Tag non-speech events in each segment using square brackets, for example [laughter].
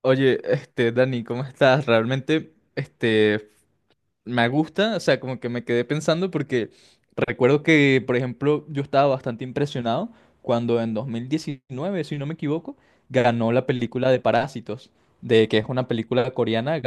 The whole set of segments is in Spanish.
Oye, Dani, ¿cómo estás? Realmente, me gusta, o sea, como que me quedé pensando porque recuerdo que, por ejemplo, yo estaba bastante impresionado cuando en 2019, si no me equivoco, ganó la película de Parásitos, de que es una película coreana,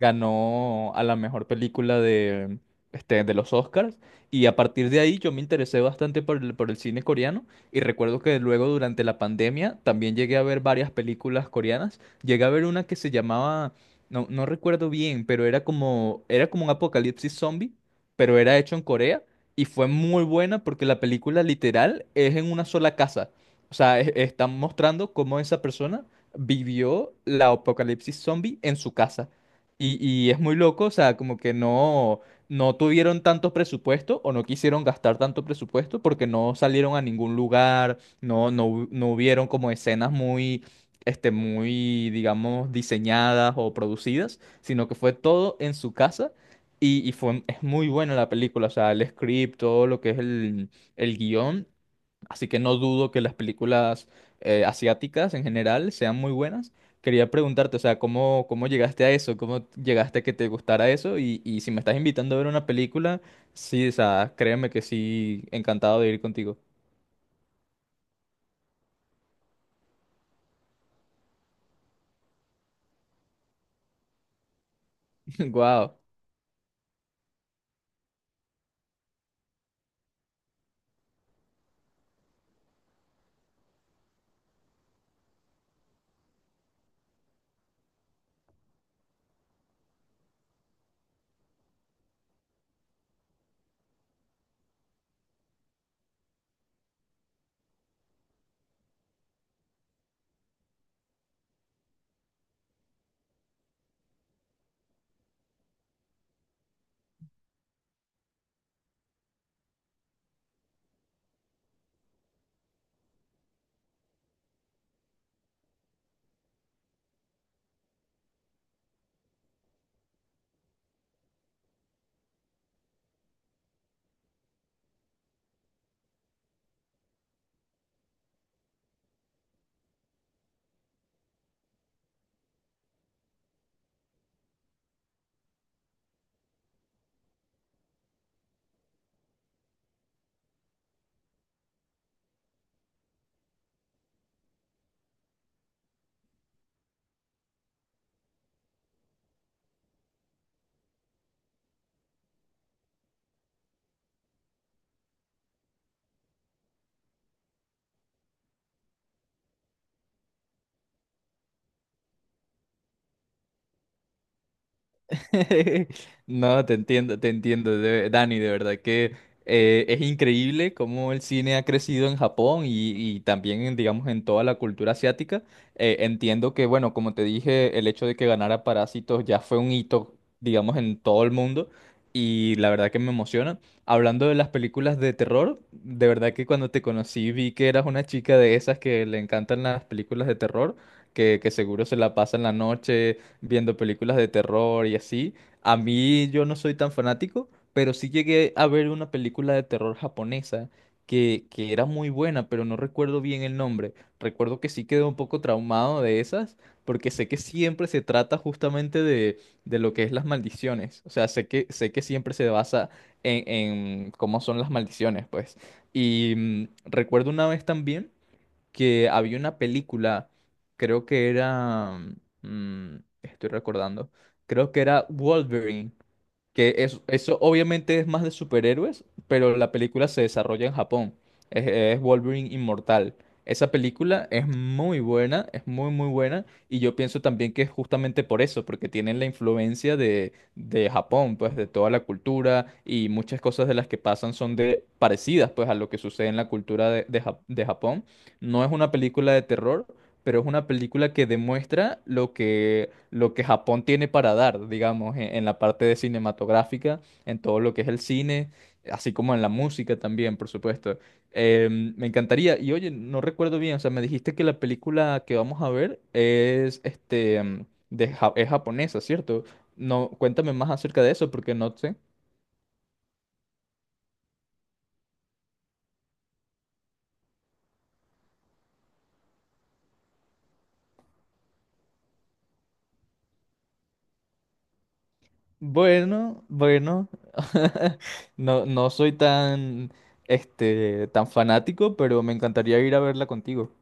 ganó a la mejor película de, de los Oscars y a partir de ahí yo me interesé bastante por el cine coreano y recuerdo que luego durante la pandemia también llegué a ver varias películas coreanas. Llegué a ver una que se llamaba, no, no recuerdo bien, pero era como un apocalipsis zombie, pero era hecho en Corea y fue muy buena porque la película literal es en una sola casa. O sea, están mostrando cómo esa persona vivió la apocalipsis zombie en su casa. Y es muy loco, o sea, como que no, no tuvieron tanto presupuesto o no quisieron gastar tanto presupuesto porque no salieron a ningún lugar, no hubieron como escenas muy, digamos, diseñadas o producidas, sino que fue todo en su casa y fue, es muy buena la película, o sea, el script, todo lo que es el guión. Así que no dudo que las películas asiáticas en general sean muy buenas. Quería preguntarte, o sea, ¿cómo llegaste a eso? ¿Cómo llegaste a que te gustara eso? Y si me estás invitando a ver una película, sí, o sea, créeme que sí, encantado de ir contigo. [laughs] Wow. [laughs] No, te entiendo, Dani, de verdad que es increíble cómo el cine ha crecido en Japón y también, en, digamos, en toda la cultura asiática. Entiendo que, bueno, como te dije, el hecho de que ganara Parásitos ya fue un hito, digamos, en todo el mundo y la verdad que me emociona. Hablando de las películas de terror, de verdad que cuando te conocí vi que eras una chica de esas que le encantan las películas de terror, que seguro se la pasa en la noche viendo películas de terror y así. A mí yo no soy tan fanático, pero sí llegué a ver una película de terror japonesa que era muy buena, pero no recuerdo bien el nombre. Recuerdo que sí quedé un poco traumado de esas, porque sé que siempre se trata justamente de lo que es las maldiciones. O sea, sé que siempre se basa en cómo son las maldiciones, pues. Y recuerdo una vez también que había una película, creo que era, mm, estoy recordando, creo que era Wolverine, que eso obviamente es más de superhéroes, pero la película se desarrolla en Japón. Es Wolverine Inmortal. Esa película es muy buena, es muy muy buena, y yo pienso también que es justamente por eso, porque tienen la influencia de Japón, pues de toda la cultura, y muchas cosas de las que pasan son de parecidas pues a lo que sucede en la cultura de Japón. No es una película de terror, pero es una película que demuestra lo que Japón tiene para dar, digamos, en la parte de cinematográfica, en todo lo que es el cine, así como en la música también, por supuesto. Me encantaría, y oye, no recuerdo bien, o sea, me dijiste que la película que vamos a ver es, es japonesa, ¿cierto? No, cuéntame más acerca de eso, porque no sé. Bueno, bueno, [laughs] no, no soy tan fanático, pero me encantaría ir a verla contigo.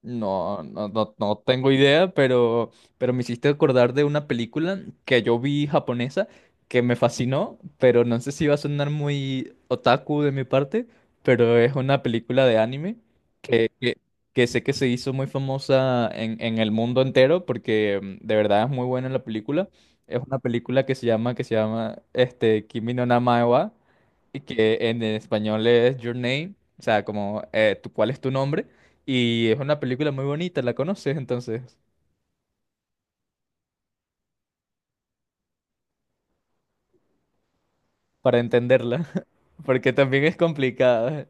No, no, no, no tengo idea, pero, me hiciste acordar de una película que yo vi japonesa que me fascinó, pero no sé si va a sonar muy otaku de mi parte, pero es una película de anime que, que, que sé que se hizo muy famosa en el mundo entero porque de verdad es muy buena la película. Es una película que se llama Kimi no Na wa y que en español es Your Name, o sea, como ¿cuál es tu nombre? Y es una película muy bonita, ¿la conoces entonces? Para entenderla, [laughs] porque también es complicada.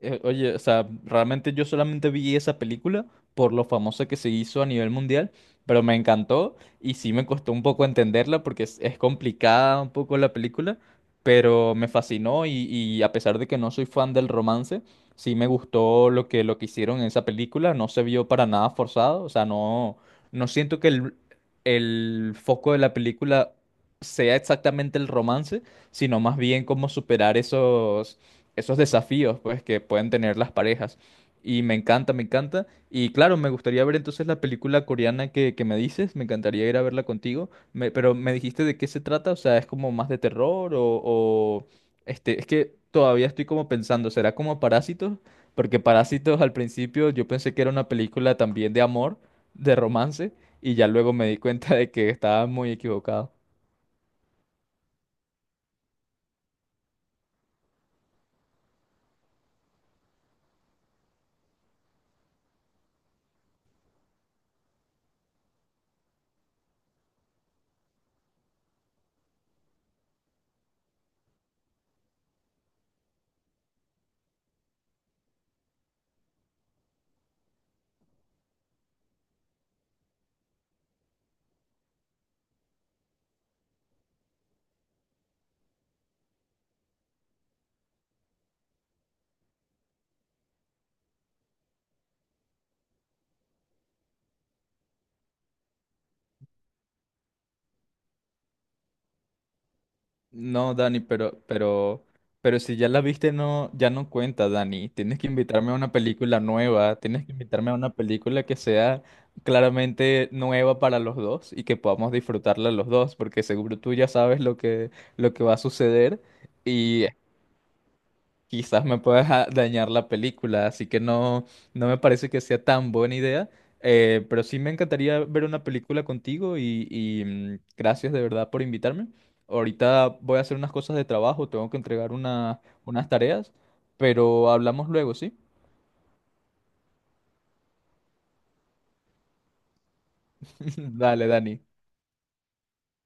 Oye, o sea, realmente yo solamente vi esa película por lo famosa que se hizo a nivel mundial, pero me encantó y sí me costó un poco entenderla porque es complicada un poco la película, pero me fascinó y a pesar de que no soy fan del romance, sí me gustó lo que hicieron en esa película, no se vio para nada forzado, o sea, no, no siento que el foco de la película sea exactamente el romance, sino más bien cómo superar esos desafíos pues que pueden tener las parejas. Y me encanta, me encanta. Y claro, me gustaría ver entonces la película coreana que me dices. Me encantaría ir a verla contigo. Pero me dijiste de qué se trata. O sea, es como más de terror es que todavía estoy como pensando, ¿será como Parásitos? Porque Parásitos al principio yo pensé que era una película también de amor, de romance, y ya luego me di cuenta de que estaba muy equivocado. No, Dani, pero si ya la viste, no, ya no cuenta, Dani. Tienes que invitarme a una película nueva, tienes que invitarme a una película que sea claramente nueva para los dos y que podamos disfrutarla los dos, porque seguro tú ya sabes lo que va a suceder. Y quizás me puedas [laughs] dañar la película, así que no, no me parece que sea tan buena idea. Pero sí me encantaría ver una película contigo y, gracias de verdad por invitarme. Ahorita voy a hacer unas cosas de trabajo, tengo que entregar unas tareas, pero hablamos luego, ¿sí? [laughs] Dale, Dani.